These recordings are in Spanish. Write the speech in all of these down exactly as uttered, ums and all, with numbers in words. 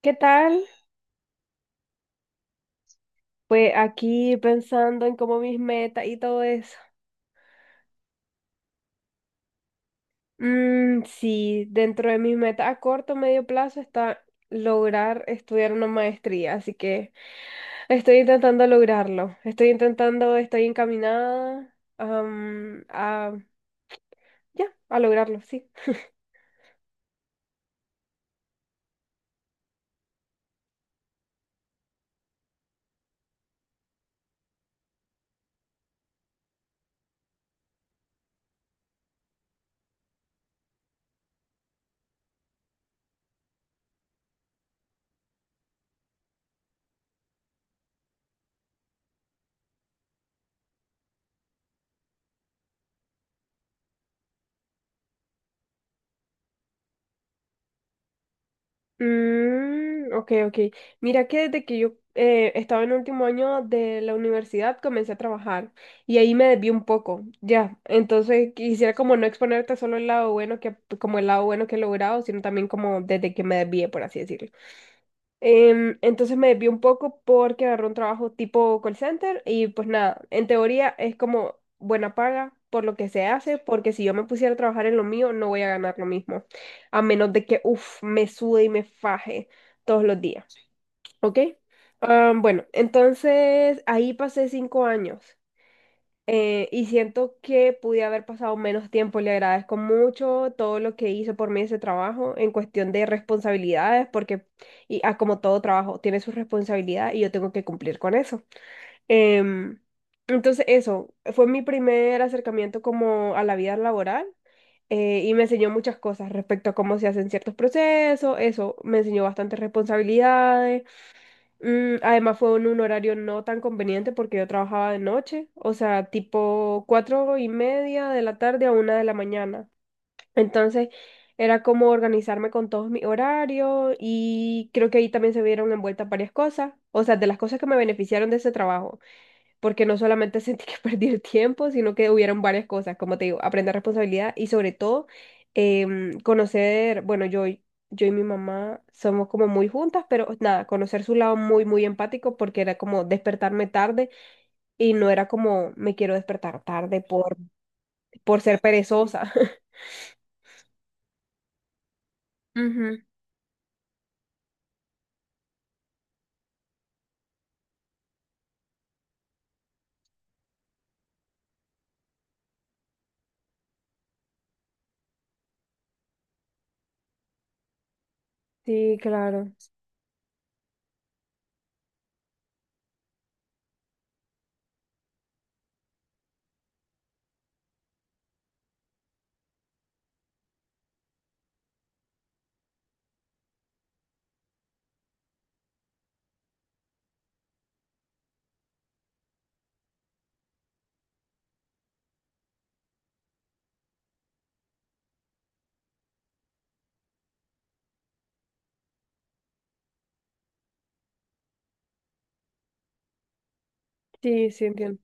¿Qué tal? Pues aquí pensando en cómo mis metas y todo eso. Mm, sí, dentro de mis metas a corto medio plazo está lograr estudiar una maestría, así que estoy intentando lograrlo. Estoy intentando, estoy encaminada, am, a, ya, a lograrlo, sí. Mm, ok, ok. Mira que desde que yo eh, estaba en último año de la universidad comencé a trabajar y ahí me desvié un poco, ya. Entonces quisiera como no exponerte solo el lado bueno que, como el lado bueno que he logrado, sino también como desde que me desvié, por así decirlo. Em, entonces me desvié un poco porque agarré un trabajo tipo call center y pues nada, en teoría es como buena paga por lo que se hace, porque si yo me pusiera a trabajar en lo mío no voy a ganar lo mismo, a menos de que, uff, me sude y me faje todos los días, ¿ok? Am, bueno, entonces ahí pasé cinco años, eh, y siento que pude haber pasado menos tiempo. Le agradezco mucho todo lo que hizo por mí ese trabajo en cuestión de responsabilidades, porque y, ah, como todo trabajo tiene su responsabilidad y yo tengo que cumplir con eso. Em, entonces eso fue mi primer acercamiento como a la vida laboral, eh, y me enseñó muchas cosas respecto a cómo se hacen ciertos procesos. Eso me enseñó bastantes responsabilidades. Mm, además fue en un horario no tan conveniente porque yo trabajaba de noche, o sea, tipo cuatro y media de la tarde a una de la mañana. Entonces era como organizarme con todos mis horarios y creo que ahí también se vieron envueltas varias cosas, o sea, de las cosas que me beneficiaron de ese trabajo porque no solamente sentí que perdí el tiempo, sino que hubieron varias cosas, como te digo, aprender responsabilidad y sobre todo em, conocer, bueno, yo, y- yo y mi mamá somos como muy juntas, pero nada, conocer su lado muy, muy empático porque era como despertarme tarde y no era como me quiero despertar tarde por, por ser perezosa. Ujú. Sí, claro. Sí, sí, entiendo.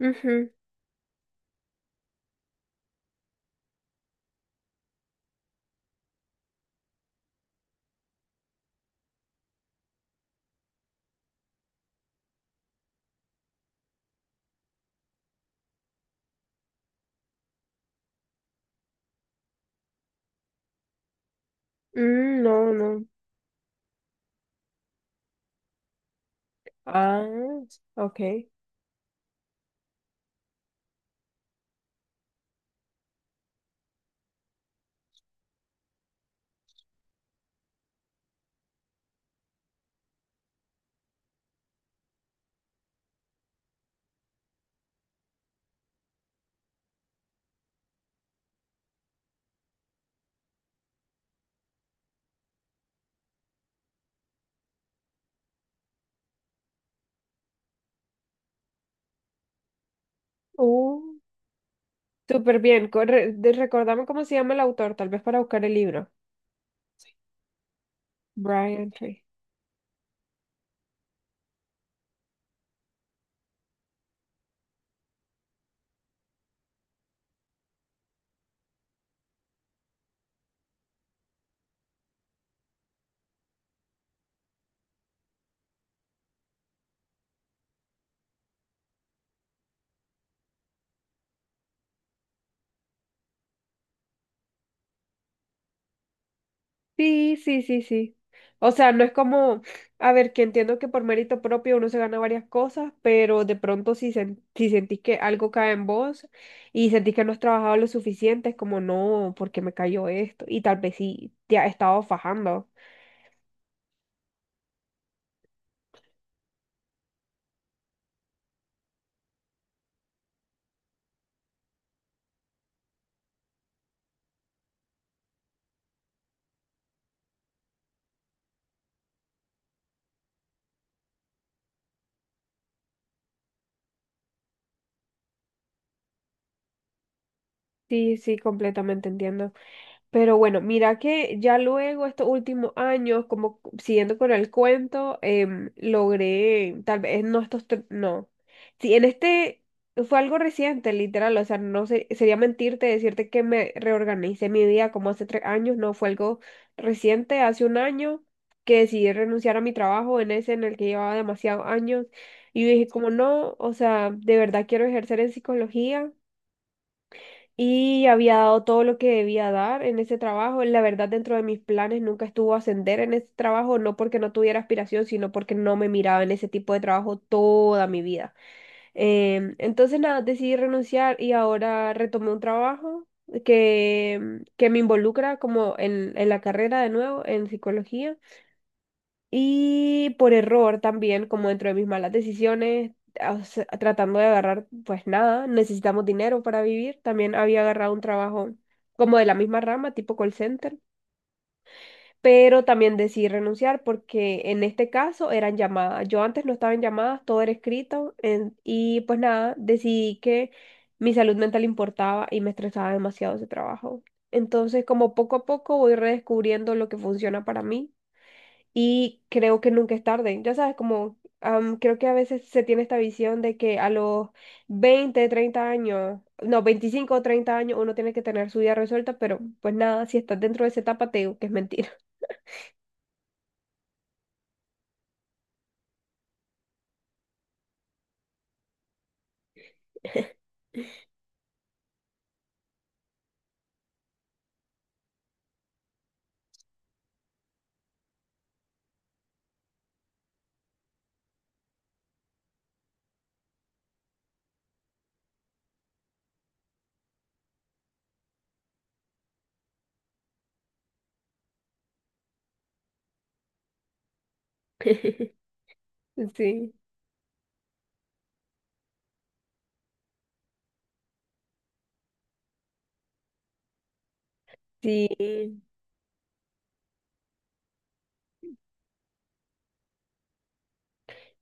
Ujú. Mm, no, no. Ah, ok. Uh. Súper bien. corre- de- Recordame cómo se llama el autor, tal vez para buscar el libro. Brian Tree. Sí, sí, sí, sí. O sea, no es como, a ver, que entiendo que por mérito propio uno se gana varias cosas, pero de pronto si, sen- si sentís que algo cae en vos y sentís que no has trabajado lo suficiente, es como, no, ¿por qué me cayó esto? Y tal vez sí te has estado fajando. Sí, sí, completamente entiendo. Pero bueno, mira que ya luego, estos últimos años, como cu- siguiendo con el cuento, em, logré, tal vez no estos, tre- no. Sí, en este fue algo reciente, literal, o sea, no sé, sería mentirte decirte que me reorganicé mi vida como hace tres años, no, fue algo reciente, hace un año que decidí renunciar a mi trabajo en ese en el que llevaba demasiados años y yo dije como no, o sea, de verdad quiero ejercer en psicología y había dado todo lo que debía dar en ese trabajo. La verdad, dentro de mis planes nunca estuvo ascender en ese trabajo, no porque no tuviera aspiración, sino porque no me miraba en ese tipo de trabajo toda mi vida. Em, entonces, nada, decidí renunciar y ahora retomé un trabajo que, que me involucra como en, en la carrera de nuevo, en psicología. Y por error también, como dentro de mis malas decisiones, o sea, tratando de agarrar, pues nada, necesitamos dinero para vivir. También había agarrado un trabajo como de la misma rama, tipo call center, pero también decidí renunciar porque en este caso eran llamadas. Yo antes no estaba en llamadas, todo era escrito en- y pues nada, decidí que mi salud mental importaba y me estresaba demasiado ese trabajo. Entonces, como poco a poco voy redescubriendo lo que funciona para mí y creo que nunca es tarde. Ya sabes, como am, creo que a veces se tiene esta visión de que a los veinte treinta años, no, veinticinco o treinta años uno tiene que tener su vida resuelta, pero pues nada, si estás dentro de esa etapa, te digo que es mentira. Sí, sí.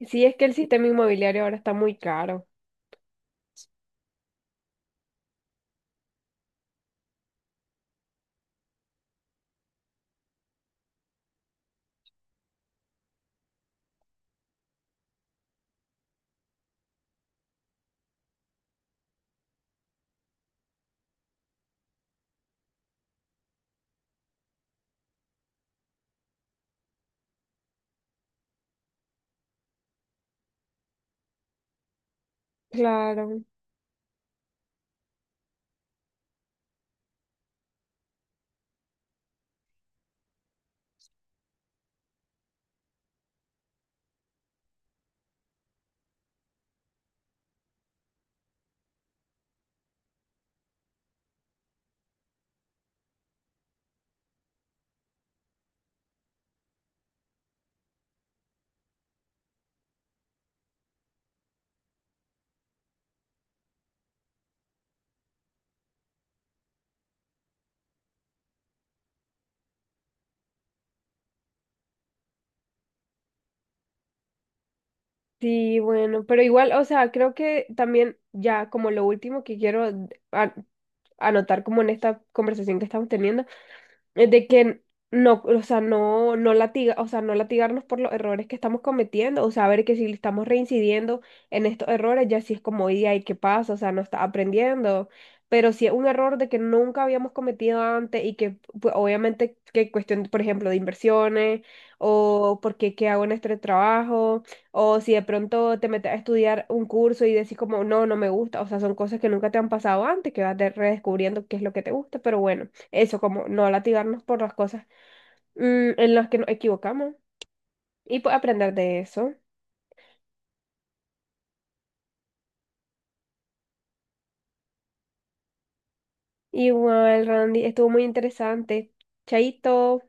Sí, es que el sistema inmobiliario ahora está muy caro. Claro. Sí, bueno, pero igual, o sea, creo que también ya como lo último que quiero a- anotar como en esta conversación que estamos teniendo, eh, de que no, o sea, no, no latiga, o sea, no latigarnos por los errores que estamos cometiendo, o sea, ver que si estamos reincidiendo en estos errores, ya sí es como, y ahí qué pasa, o sea, no está aprendiendo. Pero si es un error de que nunca habíamos cometido antes y que pues, obviamente que cuestión, por ejemplo, de inversiones o porque qué hago en este trabajo o si de pronto te metes a estudiar un curso y decís como no, no me gusta, o sea, son cosas que nunca te han pasado antes, que vas de- redescubriendo qué es lo que te gusta, pero bueno. Eso, como no latigarnos por las cosas mm, en las que nos equivocamos y pues aprender de eso. Igual, Randy, estuvo muy interesante. Chaito.